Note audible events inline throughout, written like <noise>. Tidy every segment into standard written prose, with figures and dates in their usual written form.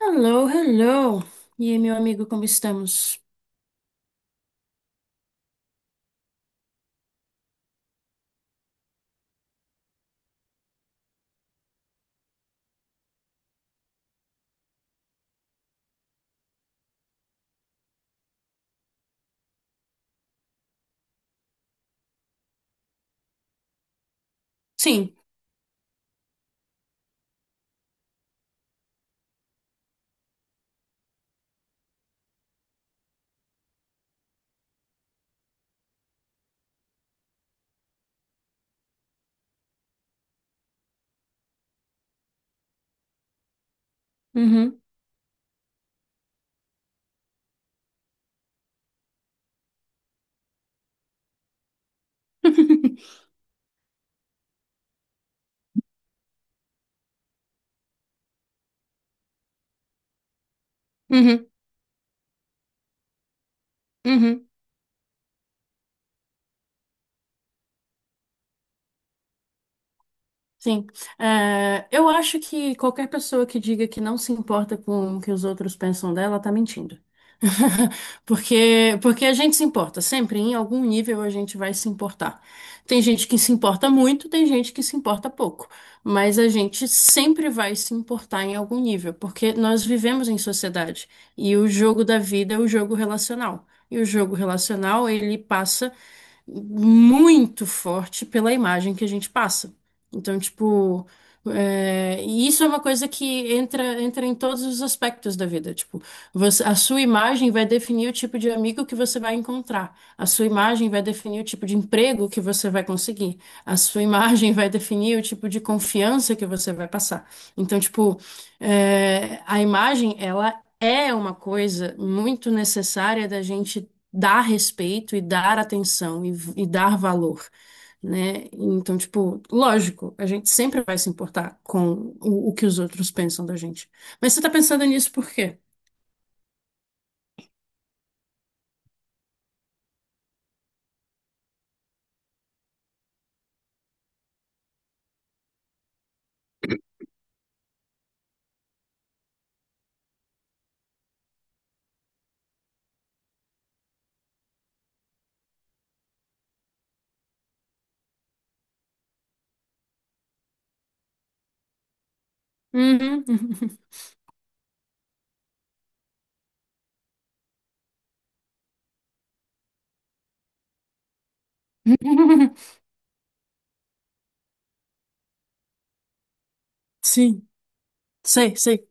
Hello, hello. E aí, meu amigo, como estamos? Sim. Uhum. <laughs> Uhum. Uhum. Sim, é, eu acho que qualquer pessoa que diga que não se importa com o que os outros pensam dela tá mentindo. <laughs> Porque a gente se importa, sempre em algum nível a gente vai se importar. Tem gente que se importa muito, tem gente que se importa pouco, mas a gente sempre vai se importar em algum nível, porque nós vivemos em sociedade e o jogo da vida é o jogo relacional. E o jogo relacional, ele passa muito forte pela imagem que a gente passa. Então, tipo, é, e isso é uma coisa que entra em todos os aspectos da vida. Tipo, a sua imagem vai definir o tipo de amigo que você vai encontrar. A sua imagem vai definir o tipo de emprego que você vai conseguir. A sua imagem vai definir o tipo de confiança que você vai passar. Então, tipo, é, a imagem, ela é uma coisa muito necessária da gente dar respeito e dar atenção e dar valor, né? Então, tipo, lógico, a gente sempre vai se importar com o que os outros pensam da gente. Mas você tá pensando nisso por quê? Uhum. <laughs> Sim, sei, sei.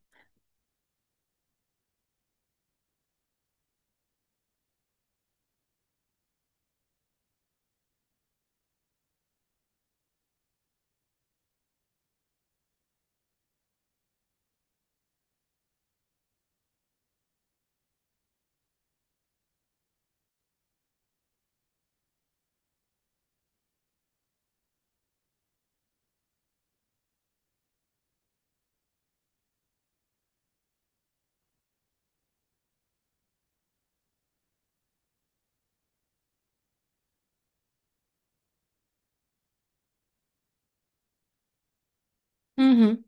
Uhum.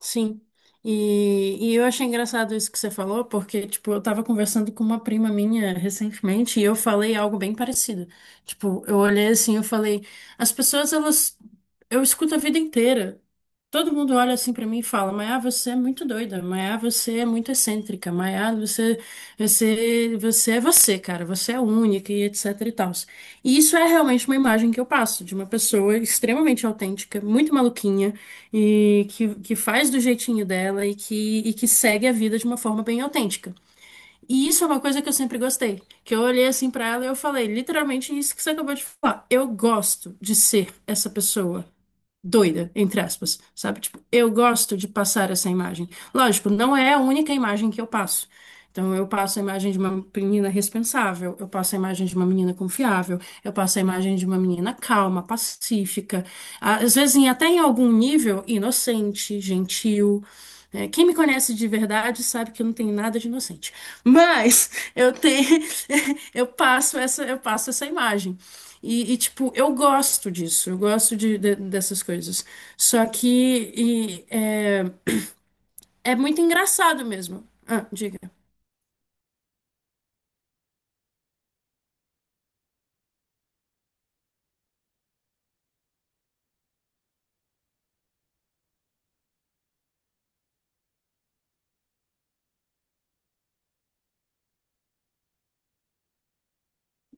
Sim. E eu achei engraçado isso que você falou, porque, tipo, eu tava conversando com uma prima minha recentemente e eu falei algo bem parecido. Tipo, eu olhei assim, eu falei, as pessoas, elas, eu escuto a vida inteira. Todo mundo olha assim pra mim e fala, Maiá, você é muito doida, Maiá, você é muito excêntrica, Maiá, você, você é você, cara, você é única e etc e tal. E isso é realmente uma imagem que eu passo de uma pessoa extremamente autêntica, muito maluquinha, e que faz do jeitinho dela e que segue a vida de uma forma bem autêntica. E isso é uma coisa que eu sempre gostei, que eu olhei assim pra ela e eu falei, literalmente isso que você acabou de falar. Eu gosto de ser essa pessoa doida, entre aspas, sabe? Tipo, eu gosto de passar essa imagem. Lógico, não é a única imagem que eu passo. Então, eu passo a imagem de uma menina responsável, eu passo a imagem de uma menina confiável, eu passo a imagem de uma menina calma, pacífica, às vezes até em algum nível inocente, gentil. É, quem me conhece de verdade sabe que eu não tenho nada de inocente. Mas eu tenho, <laughs> eu passo essa imagem. E, tipo, eu gosto disso, eu gosto dessas coisas. Só que e, é, é muito engraçado mesmo. Ah, diga.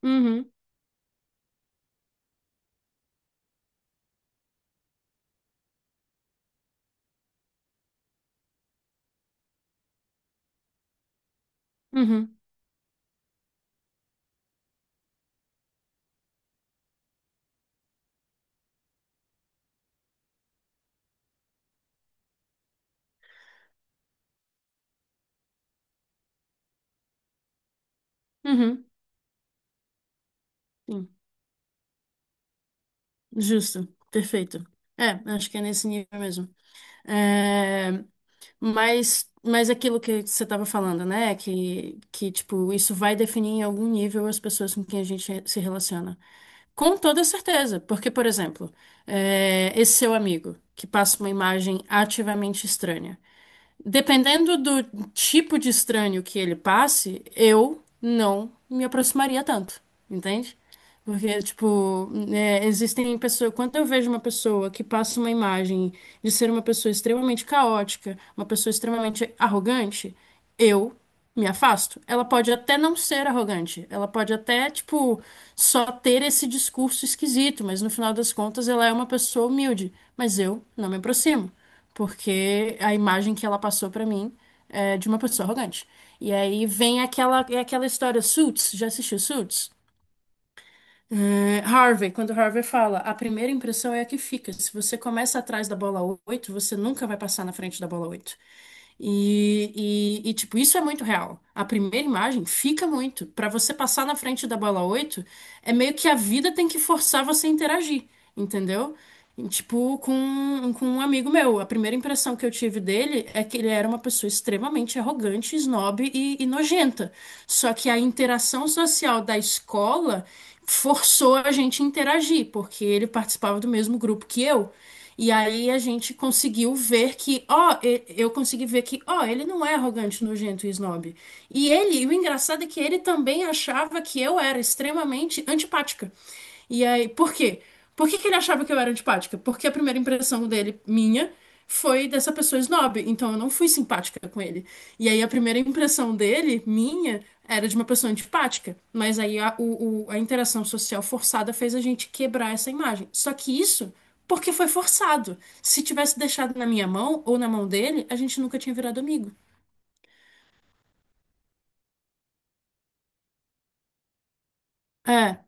Uhum, uhum, uhum. Sim, justo, perfeito. É, acho que é nesse nível mesmo. É, mas aquilo que você estava falando, né? Que, tipo, isso vai definir em algum nível as pessoas com quem a gente se relaciona. Com toda certeza. Porque, por exemplo, é, esse seu amigo que passa uma imagem ativamente estranha. Dependendo do tipo de estranho que ele passe, eu não me aproximaria tanto, entende? Porque, tipo, é, existem pessoas. Quando eu vejo uma pessoa que passa uma imagem de ser uma pessoa extremamente caótica, uma pessoa extremamente arrogante, eu me afasto. Ela pode até não ser arrogante, ela pode até, tipo, só ter esse discurso esquisito, mas no final das contas ela é uma pessoa humilde, mas eu não me aproximo porque a imagem que ela passou pra mim é de uma pessoa arrogante. E aí vem aquela, é aquela história, Suits, já assistiu Suits? É, Harvey, quando Harvey fala, a primeira impressão é a que fica. Se você começa atrás da bola 8, você nunca vai passar na frente da bola 8. E, tipo, isso é muito real. A primeira imagem fica muito. Pra você passar na frente da bola 8 é meio que a vida tem que forçar você a interagir, entendeu? E tipo, com um amigo meu. A primeira impressão que eu tive dele é que ele era uma pessoa extremamente arrogante, snob e nojenta. Só que a interação social da escola forçou a gente a interagir, porque ele participava do mesmo grupo que eu. E aí a gente conseguiu ver que, ó, eu consegui ver que, ó, ele não é arrogante, nojento e snob. E ele, e o engraçado é que ele também achava que eu era extremamente antipática. E aí, por quê? Por que que ele achava que eu era antipática? Porque a primeira impressão dele, minha, foi dessa pessoa snob. Então eu não fui simpática com ele. E aí a primeira impressão dele, minha, era de uma pessoa antipática. Mas aí a interação social forçada fez a gente quebrar essa imagem. Só que isso porque foi forçado. Se tivesse deixado na minha mão ou na mão dele, a gente nunca tinha virado amigo. É,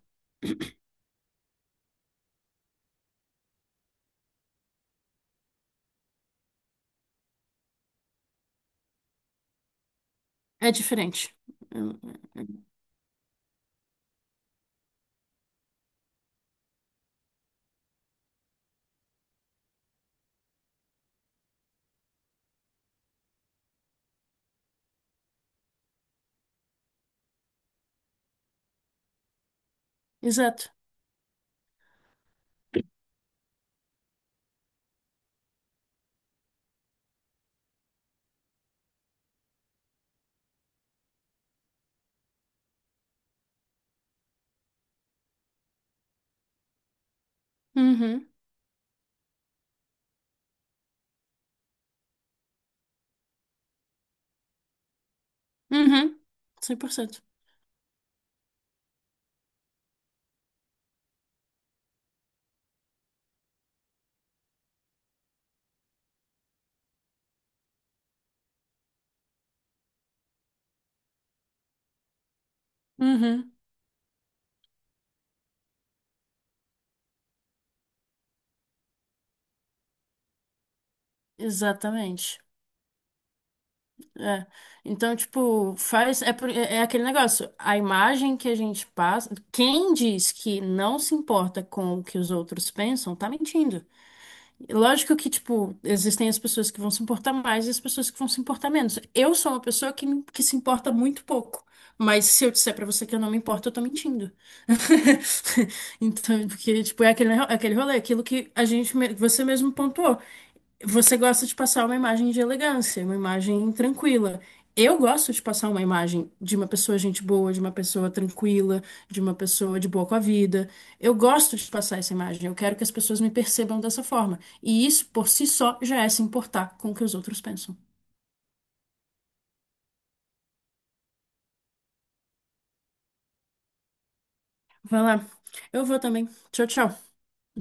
é diferente. Exato. Uhum. Uhum. 100%. Uhum. Exatamente. É. Então, tipo, faz. É, é é aquele negócio. A imagem que a gente passa. Quem diz que não se importa com o que os outros pensam, tá mentindo. Lógico que, tipo, existem as pessoas que vão se importar mais e as pessoas que vão se importar menos. Eu sou uma pessoa que se importa muito pouco. Mas se eu disser pra você que eu não me importo, eu tô mentindo. <laughs> Então, porque, tipo, é aquele rolê, é aquilo que a gente, você mesmo pontuou. Você gosta de passar uma imagem de elegância, uma imagem tranquila. Eu gosto de passar uma imagem de uma pessoa gente boa, de uma pessoa tranquila, de uma pessoa de boa com a vida. Eu gosto de passar essa imagem. Eu quero que as pessoas me percebam dessa forma. E isso, por si só, já é se importar com o que os outros pensam. Vai lá. Eu vou também. Tchau, tchau.